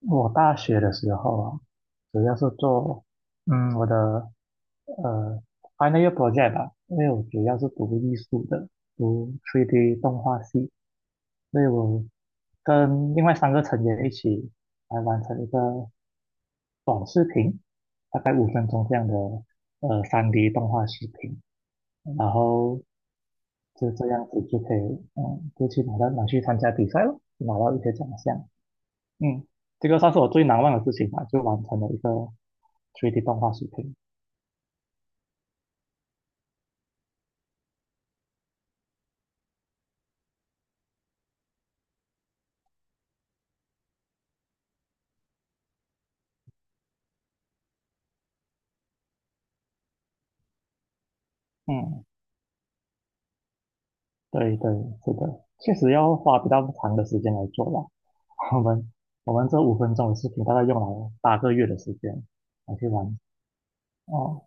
我大学的时候啊，主要是做我的呃 final year project 吧，因为我主要是读艺术的，读 3D 动画系，所以我跟另外三个成员一起来完成一个短视频，大概五分钟这样的3D 动画视频，然后就这样子就可以就去拿去参加比赛了，拿到一些奖项，嗯，这个算是我最难忘的事情吧，就完成了一个 3D 动画视频。嗯，对对，是的，确实要花比较长的时间来做吧。我们我们这五分钟的视频大概用了八个月的时间来去玩。哦，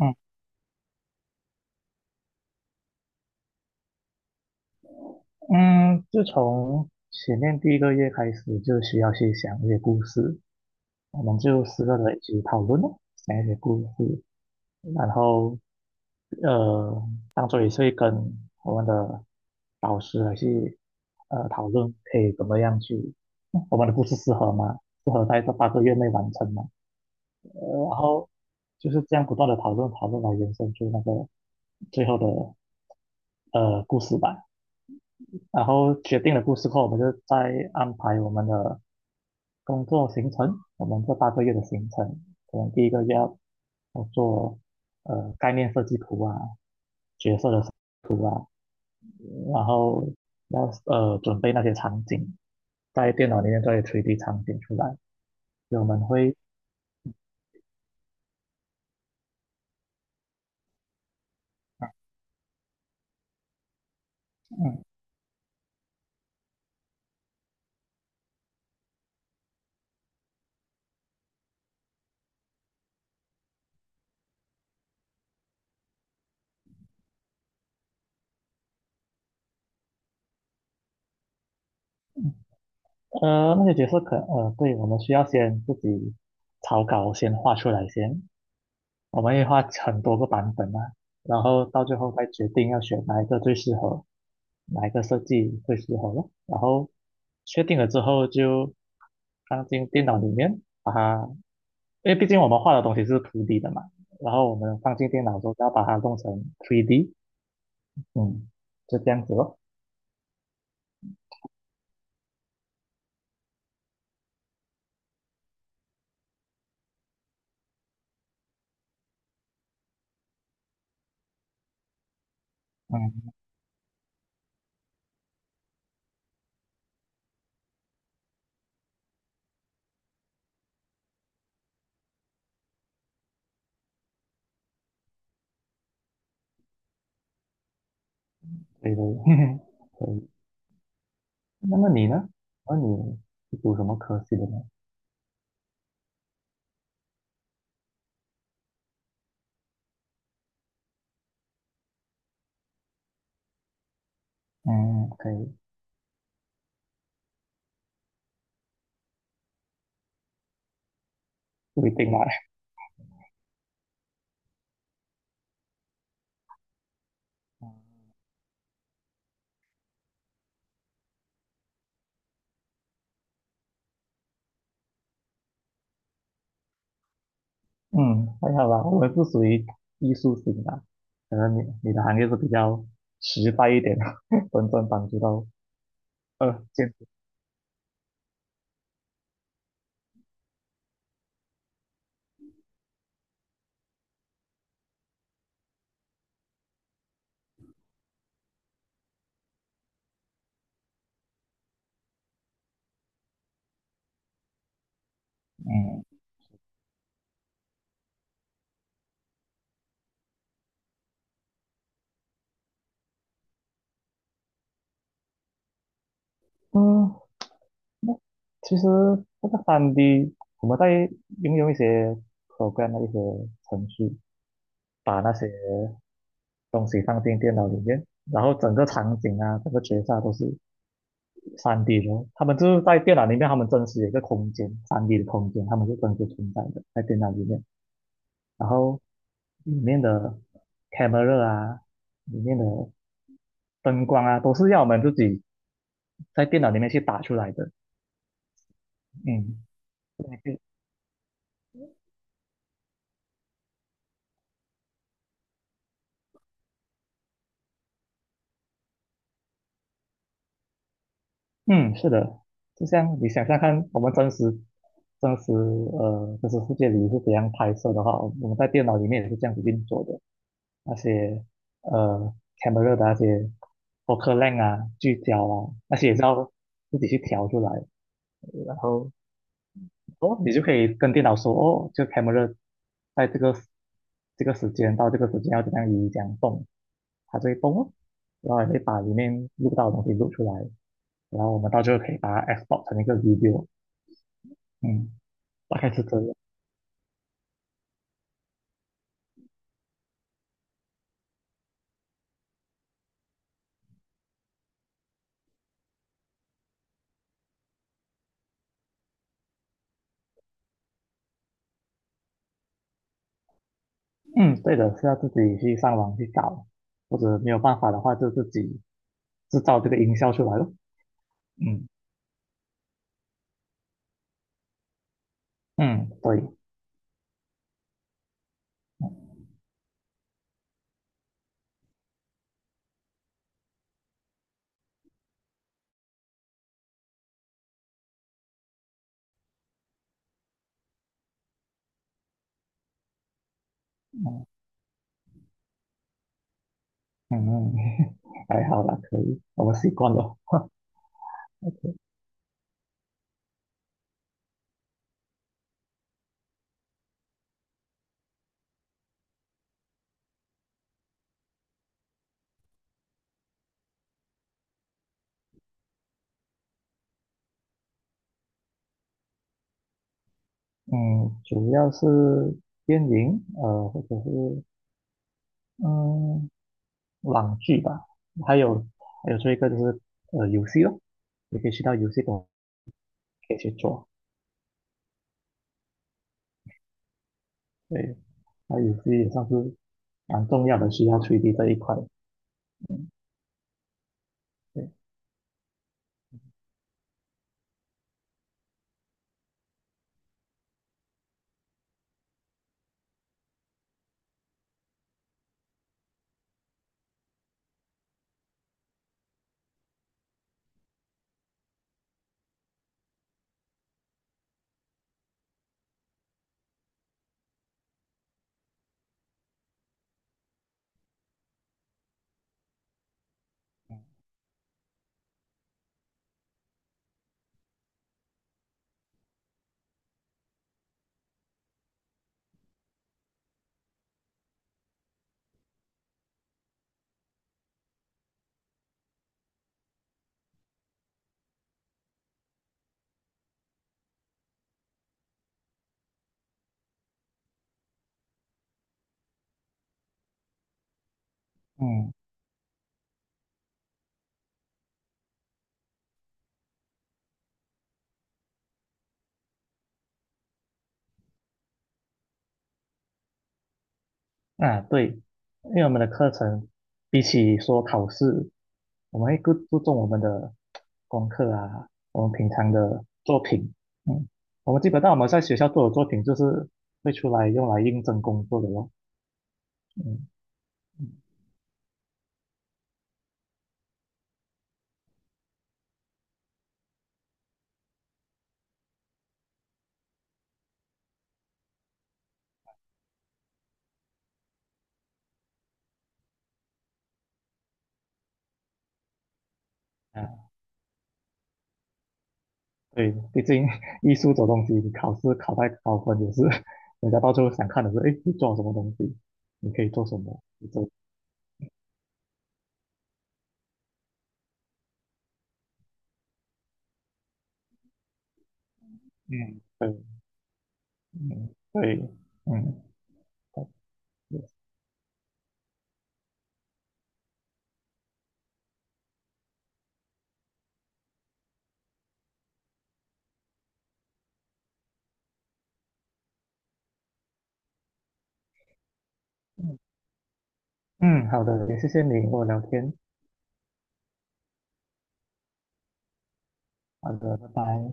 嗯嗯，自从前面第一个月开始，就需要去想一些故事，我们就四个人一起讨论咯，想一些故事，然后呃，当做也是会跟我们的导师来去讨论，可以怎么样去我们的故事适合吗？适合在这八个月内完成吗？然后就是这样不断的讨论讨论来延伸出那个最后的故事吧。然后决定了故事后，我们就再安排我们的工作行程，我们这八个月的行程，可能第一个月要做概念设计图啊，角色的图啊，然后要准备那些场景，在电脑里面做一些 3D 场景出来。所以我们会嗯那些角色对，我们需要先自己草稿先画出来先，我们也画很多个版本啊，然后到最后再决定要选哪一个最适合，哪一个设计最适合咯。然后确定了之后就放进电脑里面，把它，因为毕竟我们画的东西是图 d 的嘛，然后我们放进电脑之后要把它弄成 3D，嗯，就这样子咯。嗯，对对，可以。那么你呢？那你是读什么科系的呢？嗯，可以，不一定啦。嗯，还好吧，我们是属于艺术型的，可能你的行业是比较实在一点的，真正帮助到建筑。嗯嗯，那其实这个三 d 我们在应用一些 program 的一些程序，把那些东西放进电脑里面，然后整个场景啊，整个角色都是三 d 的。他们就是在电脑里面，他们真实有一个空间三 d 的空间，他们是真实存在的，在电脑里面。然后里面的 camera 啊，里面的灯光啊，都是要我们自己在电脑里面去打出来的。嗯，对嗯，是的，就像你想象看，我们真实真实世界里是怎样拍摄的话，我们在电脑里面也是这样子运作的。那些camera 的那些 focal l e n g 啊、聚焦啊，那些也是要自己去调出来。然后哦，你就可以跟电脑说哦，这个 camera 在这个时间到这个时间要怎样移，怎样动。它就会动哦，然后也会把里面录到的东西录出来，然后我们到最后可以把它 export 成一个 video，嗯，大概是这样。嗯，对的，是要自己去上网去找，或者没有办法的话就自己制造这个音效出来咯。嗯嗯，对，嗯嗯嗯，还好啦，可以，我们习惯了。嗯，主要是电影，或者是嗯网剧吧，还有这一个就是游戏咯，你可以去到游戏馆。可以去做。对，它也是也算是蛮重要的，需要推理这一块。对，嗯，啊，对，因为我们的课程比起说考试，我们会更注重我们的功课啊，我们平常的作品。嗯，我们基本上在学校做的作品，就是会出来用来应征工作的咯。嗯。啊，对，毕竟 艺术这种东西，你考试考太高分也是 人家到最后想看的是，哎，你做了什么东西，你可以做什么，你做。嗯，对，嗯，对，嗯，好的嗯，好的，也谢谢你跟我聊天，好的，拜拜。